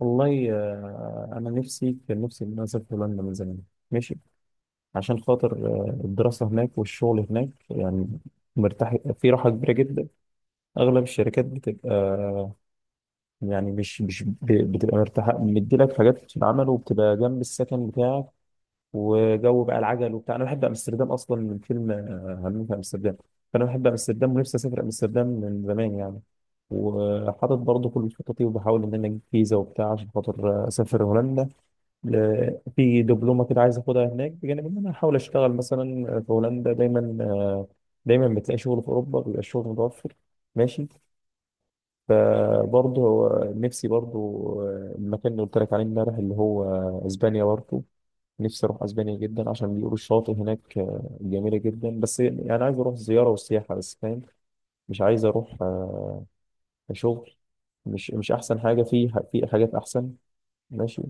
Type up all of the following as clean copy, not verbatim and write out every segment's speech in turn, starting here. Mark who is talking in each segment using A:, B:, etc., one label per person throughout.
A: والله، انا نفسي كان نفسي ان انا اسافر هولندا من زمان. ماشي. عشان خاطر الدراسه هناك والشغل هناك، يعني مرتاح، في راحه كبيره جدا. اغلب الشركات بتبقى يعني مش بتبقى مرتاحه، مديلك حاجات في العمل، وبتبقى جنب السكن بتاعك، وجو بقى العجل وبتاع. انا بحب امستردام اصلا من فيلم همام في امستردام، فانا بحب امستردام ونفسي اسافر امستردام من زمان يعني. وحاطط برضه كل خططي، وبحاول ان انا اجيب فيزا وبتاع عشان خاطر اسافر هولندا. في دبلومه كده عايز اخدها هناك، بجانب ان انا احاول اشتغل مثلا في هولندا. دايما دايما بتلاقي شغل في اوروبا، بيبقى الشغل متوفر. ماشي. فبرضه هو، نفسي برضه المكان اللي قلت لك عليه امبارح اللي هو اسبانيا برضه. نفسي اروح اسبانيا جدا، عشان بيقولوا الشواطئ هناك جميله جدا، بس يعني عايز اروح زياره وسياحه بس، فاهم، مش عايز اروح شغل، مش احسن حاجه، في حاجات احسن. ماشي.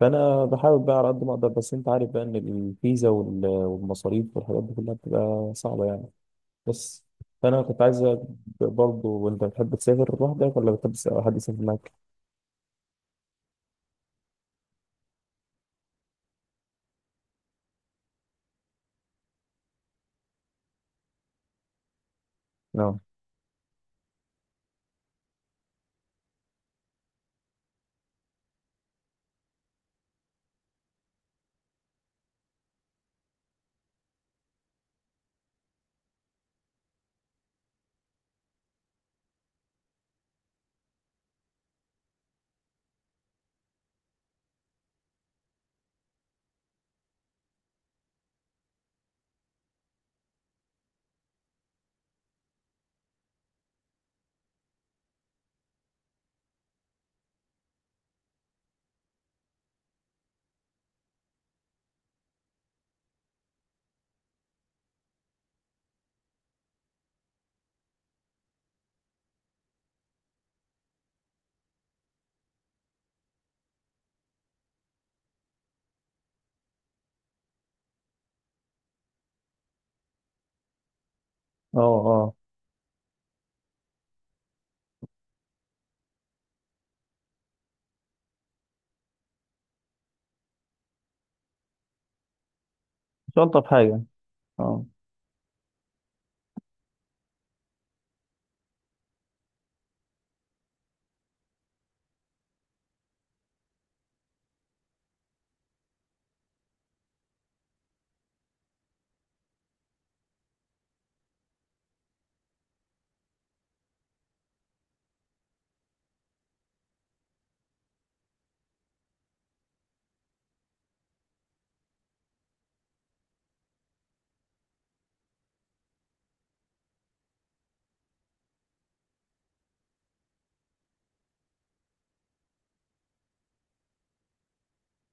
A: فانا بحاول بقى على قد ما اقدر، بس انت عارف بقى ان الفيزا والمصاريف والحاجات دي كلها بتبقى صعبه يعني. بس، فانا كنت عايز برضه. وانت بتحب تسافر لوحدك، ولا بتحب حد يسافر معاك؟ اه، اه، اه، مش الطف حاجه، اه.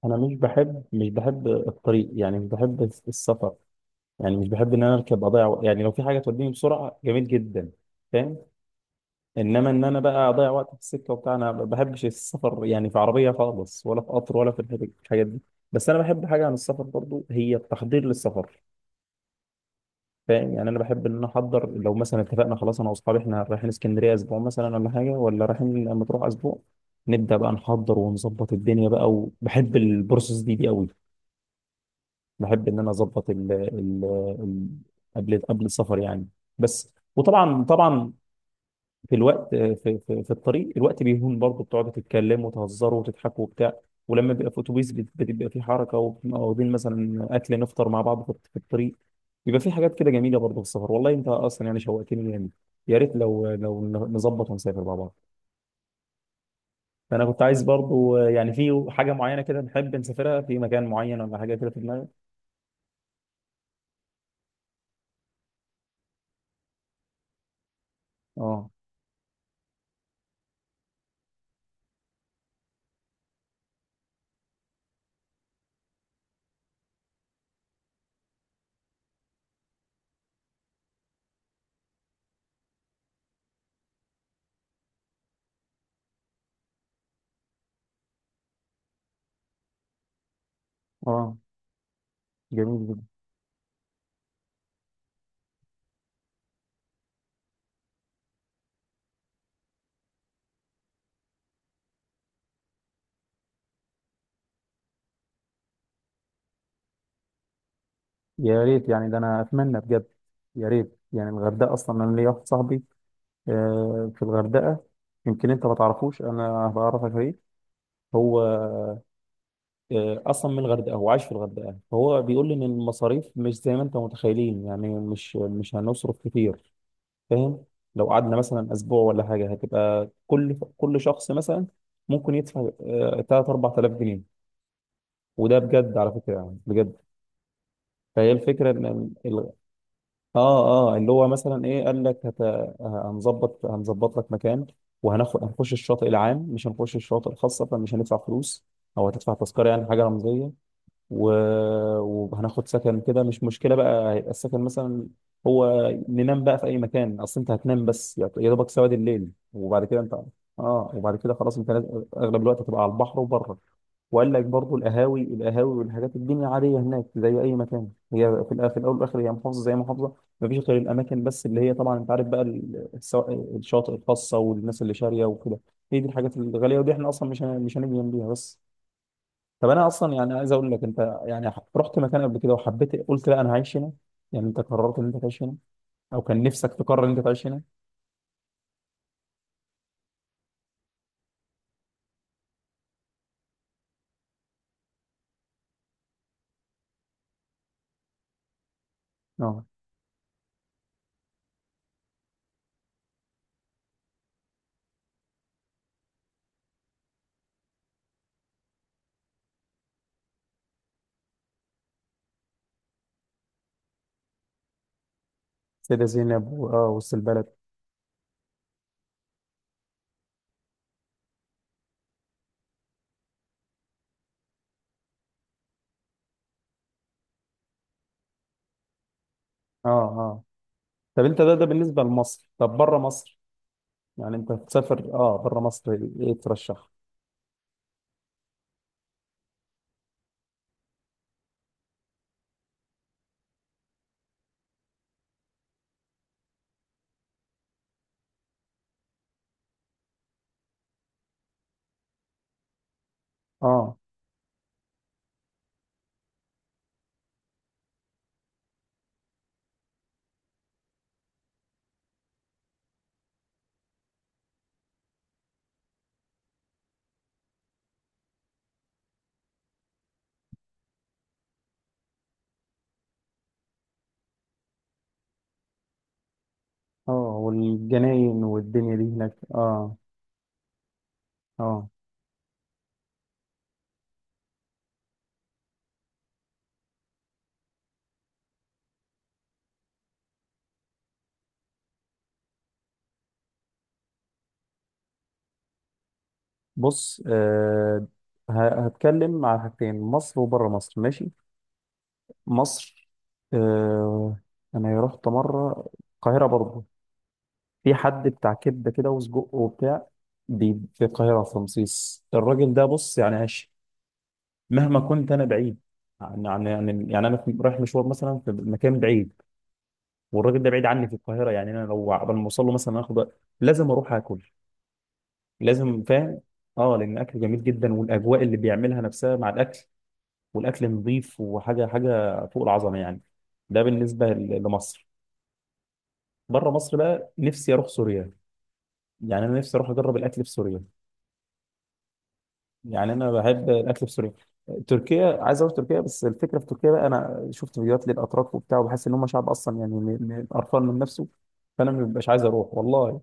A: انا مش بحب الطريق، يعني مش بحب السفر. يعني مش بحب ان انا اركب اضيع يعني لو في حاجه توديني بسرعه جميل جدا، فاهم. انما ان انا بقى اضيع وقت في السكه وبتاع، انا ما بحبش السفر يعني، في عربيه خالص، ولا في قطر، ولا في الحاجات، في الحاجات دي. بس انا بحب حاجه عن السفر برضو، هي التحضير للسفر، فاهم. يعني انا بحب ان انا احضر. لو مثلا اتفقنا خلاص انا واصحابي احنا رايحين اسكندريه اسبوع مثلا، ولا حاجه، ولا رايحين مطروح اسبوع، نبدا بقى نحضر ونظبط الدنيا بقى. وبحب البروسس دي قوي. بحب ان انا اظبط ال- قبل السفر يعني. بس. وطبعا طبعا في الوقت، في الطريق الوقت بيهون برضه، بتقعدوا تتكلموا وتهزروا وتضحكوا وبتاع. ولما بيبقى في اتوبيس بتبقى في حركه، وبنبقى واخدين مثلا اكل نفطر مع بعض في الطريق. بيبقى في حاجات كده جميله برضه في السفر. والله انت اصلا يعني شوقتني يعني، يا ريت لو نظبط ونسافر مع بعض. فانا كنت عايز برضه يعني، في حاجه معينه كده نحب نسافرها في مكان معين، ولا حاجه كده في دماغك؟ اه، اه، جميل جدا، يا ريت يعني. ده انا اتمنى بجد، يا ريت يعني الغردقه. اصلا انا ليا واحد صاحبي في الغردقة، يمكن انت ما تعرفوش. انا بعرفك ايه؟ هو اصلا من الغردقة، هو عايش في الغردقة، فهو بيقول لي ان المصاريف مش زي ما انت متخيلين يعني، مش هنصرف كتير، فاهم. لو قعدنا مثلا اسبوع ولا حاجة، هتبقى كل شخص مثلا ممكن يدفع 3 4000 جنيه، وده بجد على فكرة، يعني بجد، فهي الفكرة ان، اه، اه، اللي هو مثلا ايه قال لك؟ هنظبط لك مكان، وهناخد هنخش الشاطئ العام، مش هنخش الشاطئ الخاص، فمش هندفع فلوس، او هتدفع تذكره يعني حاجه رمزيه. و... وهناخد سكن كده، مش مشكلة بقى، هيبقى السكن مثلا هو ننام بقى في أي مكان، أصل أنت هتنام بس يا دوبك سواد الليل، وبعد كده أنت وبعد كده خلاص. أنت أغلب الوقت هتبقى على البحر وبره. وقال لك برضو القهاوي، والحاجات، الدنيا عادية هناك زي أي مكان، هي في في الأول والآخر هي محافظة زي محافظة، مفيش غير الأماكن بس، اللي هي طبعا أنت عارف بقى الشواطئ الخاصة والناس اللي شارية وكده، هي دي الحاجات الغالية، ودي إحنا أصلا مش هنيجي جنبيها بس. طب انا اصلا يعني عايز اقول لك انت، يعني رحت مكان قبل كده وحبيت قلت لا انا هعيش هنا، يعني انت قررت ان انت تعيش هنا، او كان نفسك تقرر ان انت تعيش هنا؟ اه، سيدة زينب اه، وسط البلد، اه، اه. طب انت ده بالنسبه لمصر، طب بره مصر، يعني انت تسافر اه بره مصر، ايه ترشح؟ اه، اه، والجناين والدنيا دي هناك اه. اه، بص هتكلم على حاجتين، مصر وبره مصر، ماشي. مصر آه انا رحت مره القاهره برضه، في حد بتاع كبده كده وسجق وبتاع في القاهره في رمسيس، الراجل ده بص يعني عاش. مهما كنت انا بعيد عن، يعني انا رايح مشوار مثلا في مكان بعيد، والراجل ده بعيد عني في القاهره، يعني انا لو قبل ما اوصل له مثلا اخد وقت، لازم اروح اكل، لازم، فاهم. اه، لان الاكل جميل جدا، والاجواء اللي بيعملها نفسها مع الاكل، والاكل نظيف، وحاجه حاجه فوق العظمه يعني. ده بالنسبه لمصر. بره مصر بقى نفسي اروح سوريا، يعني انا نفسي اروح اجرب الاكل في سوريا، يعني انا بحب الاكل في سوريا. تركيا، عايز اروح تركيا، بس الفكره في تركيا بقى، انا شفت فيديوهات للاتراك وبتاع، وبحس ان هم شعب اصلا يعني قرفان من نفسه، فانا ما ببقاش عايز اروح والله.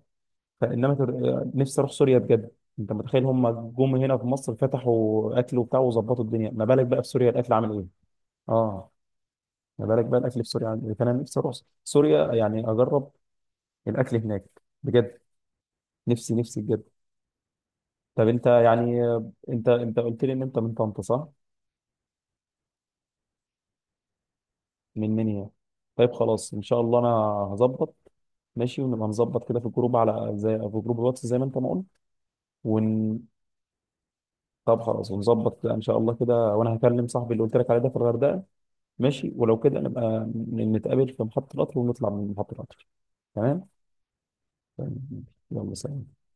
A: فانما تر... نفسي اروح سوريا بجد. انت متخيل هم جم هنا في مصر فتحوا اكل وبتاع وظبطوا الدنيا، ما بالك بقى في سوريا الاكل عامل ايه؟ اه، ما بالك بقى الاكل في سوريا عامل ايه، فانا نفسي اروح سوريا، يعني اجرب الاكل هناك بجد. نفسي نفسي بجد. طب انت يعني، انت قلت لي ان انت من طنطا صح؟ من منيا. طيب خلاص، ان شاء الله انا هظبط، ماشي. ونبقى نظبط كده في الجروب، على زي في جروب الواتس زي ما انت ما قلت. ون طب خلاص ونظبط كده ان شاء الله كده، وانا هكلم صاحبي اللي قلت لك عليه ده في الغردقه، ماشي، ولو كده نبقى نتقابل في محطه القطر، ونطلع من محطه القطر، تمام؟ تمام. يلا سلام.